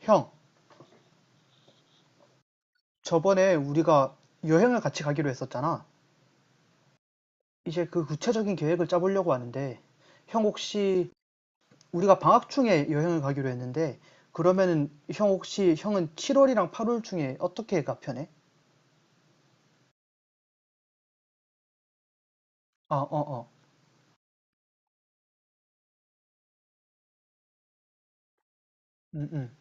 형, 저번에 우리가 여행을 같이 가기로 했었잖아. 이제 그 구체적인 계획을 짜보려고 하는데, 형 혹시 우리가 방학 중에 여행을 가기로 했는데, 그러면은 형 혹시 형은 7월이랑 8월 중에 어떻게가 편해? 아, 어, 어. 음, 음.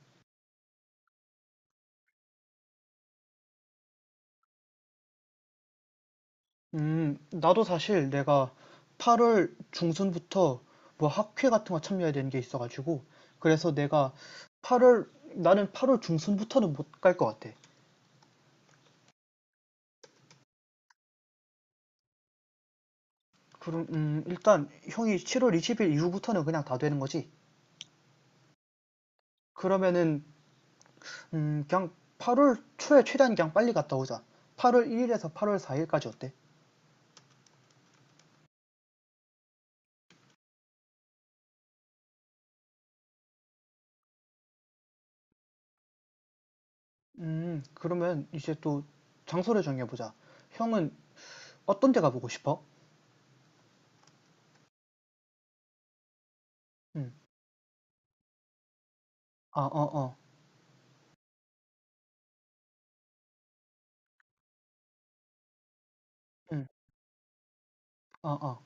나도 사실 내가 8월 중순부터 뭐 학회 같은 거 참여해야 되는 게 있어가지고, 그래서 내가 8월, 나는 8월 중순부터는 못 갈 것 같아. 그럼 일단 형이 7월 20일 이후부터는 그냥 다 되는 거지. 그러면은 그냥 8월 초에 최대한 그냥 빨리 갔다 오자. 8월 1일에서 8월 4일까지 어때? 그러면 이제 또 장소를 정해보자. 형은 어떤 데 가보고 싶어? 음, 아, 어, 어, 음, 아, 아,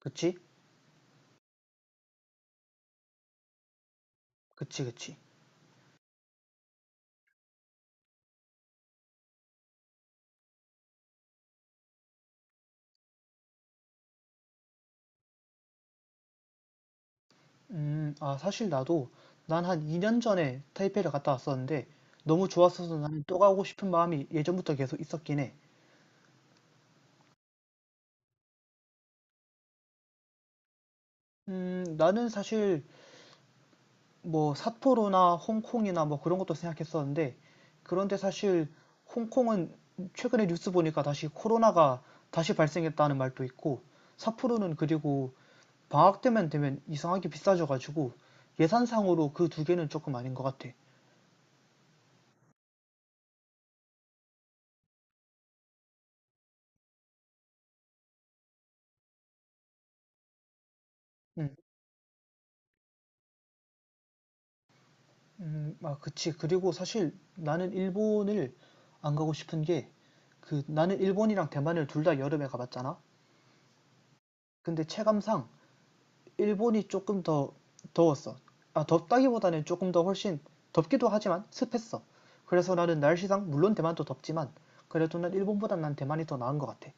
그치? 그치, 그치. 아, 사실 나도 난 한 2년 전에 타이페이를 갔다 왔었는데 너무 좋았어서 나는 또 가고 싶은 마음이 예전부터 계속 있었긴 해. 나는 사실 뭐 삿포로나 홍콩이나 뭐 그런 것도 생각했었는데 그런데 사실 홍콩은 최근에 뉴스 보니까 다시 코로나가 다시 발생했다는 말도 있고 삿포로는 그리고 방학 때면 되면 이상하게 비싸져가지고 예산상으로 그 두 개는 조금 아닌 것 같아. 음, 아, 그치. 그리고 사실 나는 일본을 안 가고 싶은 게 그 나는 일본이랑 대만을 둘 다 여름에 가봤잖아. 근데 체감상 일본이 조금 더 더웠어. 아, 덥다기보다는 조금 더 훨씬 덥기도 하지만 습했어. 그래서 나는 날씨상 물론 대만도 덥지만 그래도 난 일본보단 난 대만이 더 나은 것 같아.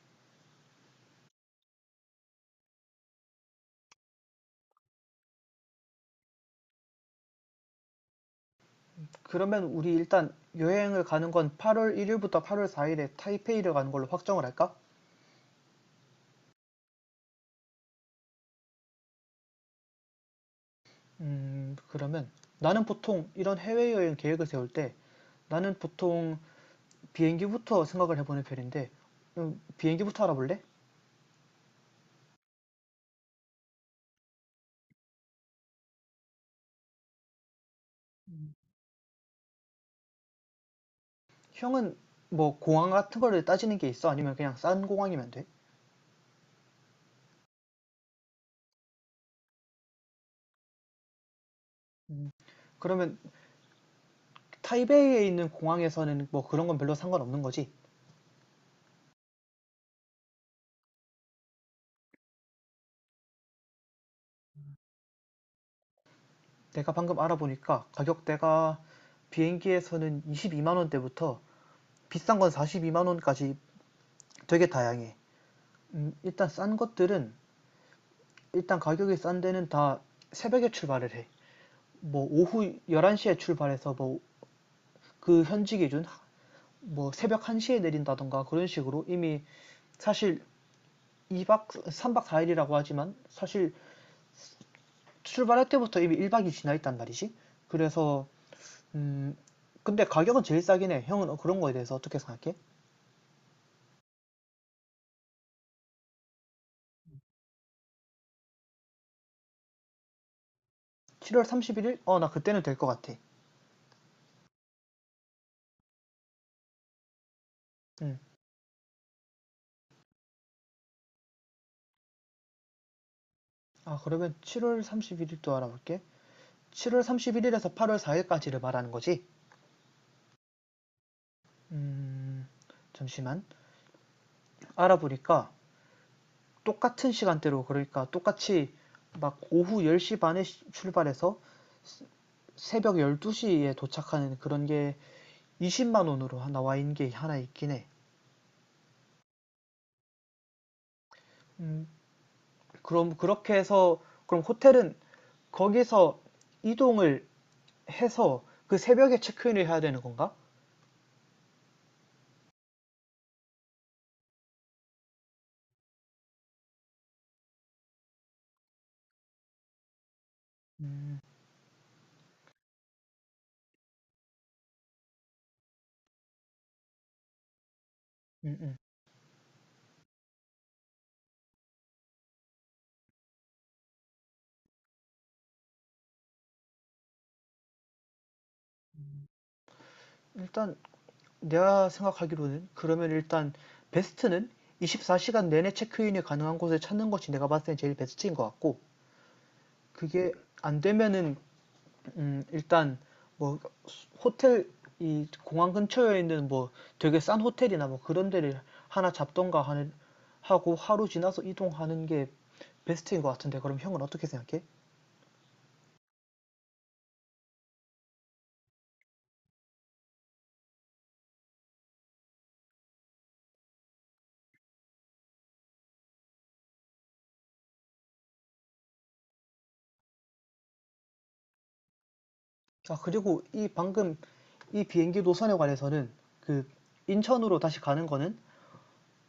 그러면 우리 일단 여행을 가는 건 8월 1일부터 8월 4일에 타이페이를 가는 걸로 확정을 할까? 그러면 나는 보통 이런 해외여행 계획을 세울 때 나는 보통 비행기부터 생각을 해보는 편인데 비행기부터 알아볼래? 형은 뭐 공항 같은 거를 따지는 게 있어? 아니면 그냥 싼 공항이면 돼? 음, 그러면 타이베이에 있는 공항에서는 뭐 그런 건 별로 상관없는 거지? 내가 방금 알아보니까 가격대가 비행기에서는 22만 원대부터 비싼 건 42만 원까지 되게 다양해. 일단 싼 것들은 일단 가격이 싼 데는 다 새벽에 출발을 해. 뭐 오후 11시에 출발해서 뭐 그 현지 기준 뭐 새벽 1시에 내린다던가 그런 식으로 이미 사실 2박 3박 4일이라고 하지만 사실 출발할 때부터 이미 1박이 지나 있단 말이지. 그래서 음 근데 가격은 제일 싸긴 해. 형은 그런 거에 대해서 어떻게 생각해? 7월 31일? 어, 나 그때는 될 것 같아. 음. 아, 그러면 7월 31일도 알아볼게. 7월 31일에서 8월 4일까지를 말하는 거지? 음, 잠시만. 알아보니까 똑같은 시간대로, 그러니까 똑같이 막 오후 10시 반에 출발해서 새벽 12시에 도착하는 그런 게 20만 원으로 하나 와인 게 하나 있긴 해. 음, 그럼 그렇게 해서 그럼 호텔은 거기서 이동을 해서 그 새벽에 체크인을 해야 되는 건가? 음, 음, 음. 일단 내가 생각하기로는 그러면 일단 베스트는 24시간 내내 체크인이 가능한 곳을 찾는 것이 내가 봤을 때 제일 베스트인 것 같고 그게 안 되면은 일단 뭐 호텔 이 공항 근처에 있는 뭐 되게 싼 호텔이나 뭐 그런 데를 하나 잡던가 하는 하고 하루 지나서 이동하는 게 베스트인 것 같은데 그럼 형은 어떻게 생각해? 아 그리고 이 방금 이 비행기 노선에 관해서는 그 인천으로 다시 가는 거는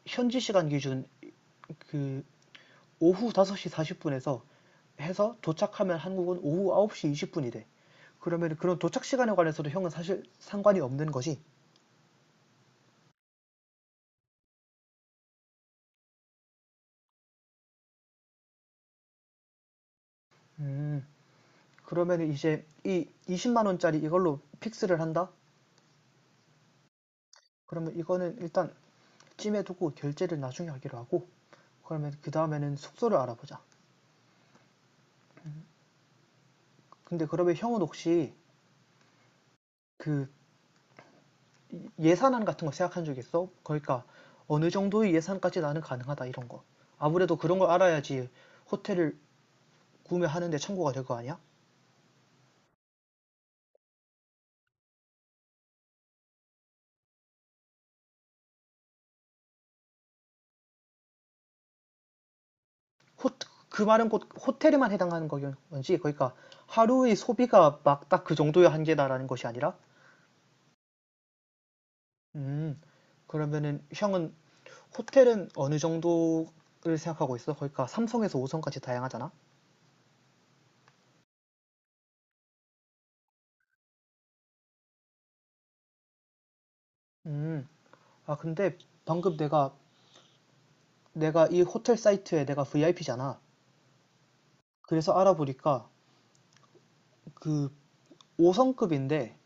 현지 시간 기준 그 오후 5시 40분에서 해서 도착하면 한국은 오후 9시 20분이 돼. 그러면 그런 도착 시간에 관해서도 형은 사실 상관이 없는 거지. 음. 그러면 이제 이 20만 원짜리 이걸로 픽스를 한다? 그러면 이거는 일단 찜해 두고 결제를 나중에 하기로 하고 그러면 그 다음에는 숙소를 알아보자. 근데 그러면 형은 혹시 그 예산안 같은 거 생각한 적 있어? 그러니까 어느 정도의 예산까지 나는 가능하다 이런 거. 아무래도 그런 걸 알아야지 호텔을 구매하는데 참고가 될 거 아니야? 호, 그 말은 곧 호텔에만 해당하는 거지 그러니까 하루의 소비가 막 딱 그 정도의 한계다라는 것이 아니라? 음, 그러면은 형은 호텔은 어느 정도를 생각하고 있어? 그러니까 3성에서 5성까지 다양하잖아? 음, 아 근데 방금 내가 이 호텔 사이트에 내가 VIP잖아. 그래서 알아보니까 그 5성급인데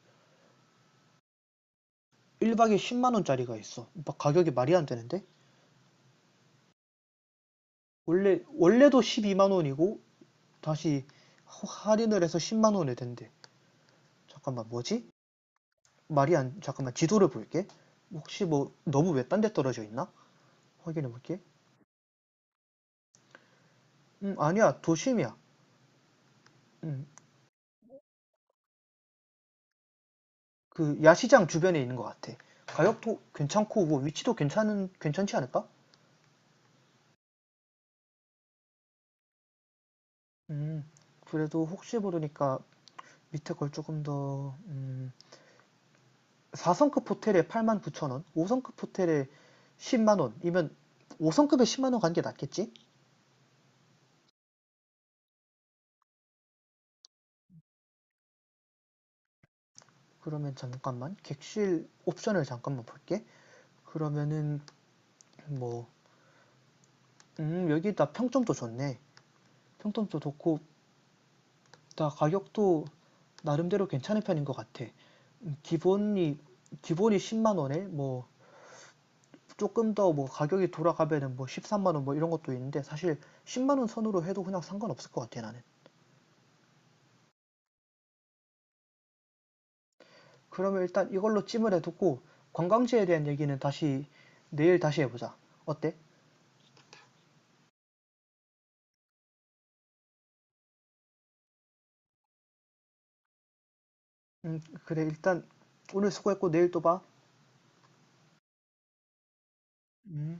1박에 10만 원짜리가 있어. 막 가격이 말이 안 되는데? 원래도 12만 원이고 다시 할인을 해서 10만 원에 된대. 잠깐만 뭐지? 말이 안 잠깐만 지도를 볼게. 혹시 뭐 너무 왜 딴 데 떨어져 있나? 확인해 볼게. 아니야. 도심이야. 음, 그 야시장 주변에 있는 것 같아. 가격도 괜찮고 뭐 위치도 괜찮은 괜찮지 않을까? 음, 그래도 혹시 모르니까 밑에 걸 조금 더 4성급 호텔에 8만 9천 원, 5성급 호텔에 10만 원이면 5성급에 10만 원 간 게 낫겠지? 그러면 잠깐만 객실 옵션을 잠깐만 볼게. 그러면은 뭐, 여기다 평점도 좋네. 평점도 좋고, 다 가격도 나름대로 괜찮은 편인 것 같아. 음, 기본이, 기본이 10만 원에 뭐, 조금 더 뭐 가격이 돌아가면은 뭐 13만 원 뭐 이런 것도 있는데 사실 10만 원 선으로 해도 그냥 상관없을 것 같아 나는. 그러면 일단 이걸로 찜을 해두고 관광지에 대한 얘기는 다시 내일 다시 해보자. 어때? 그래 일단 오늘 수고했고 내일 또 봐. 음.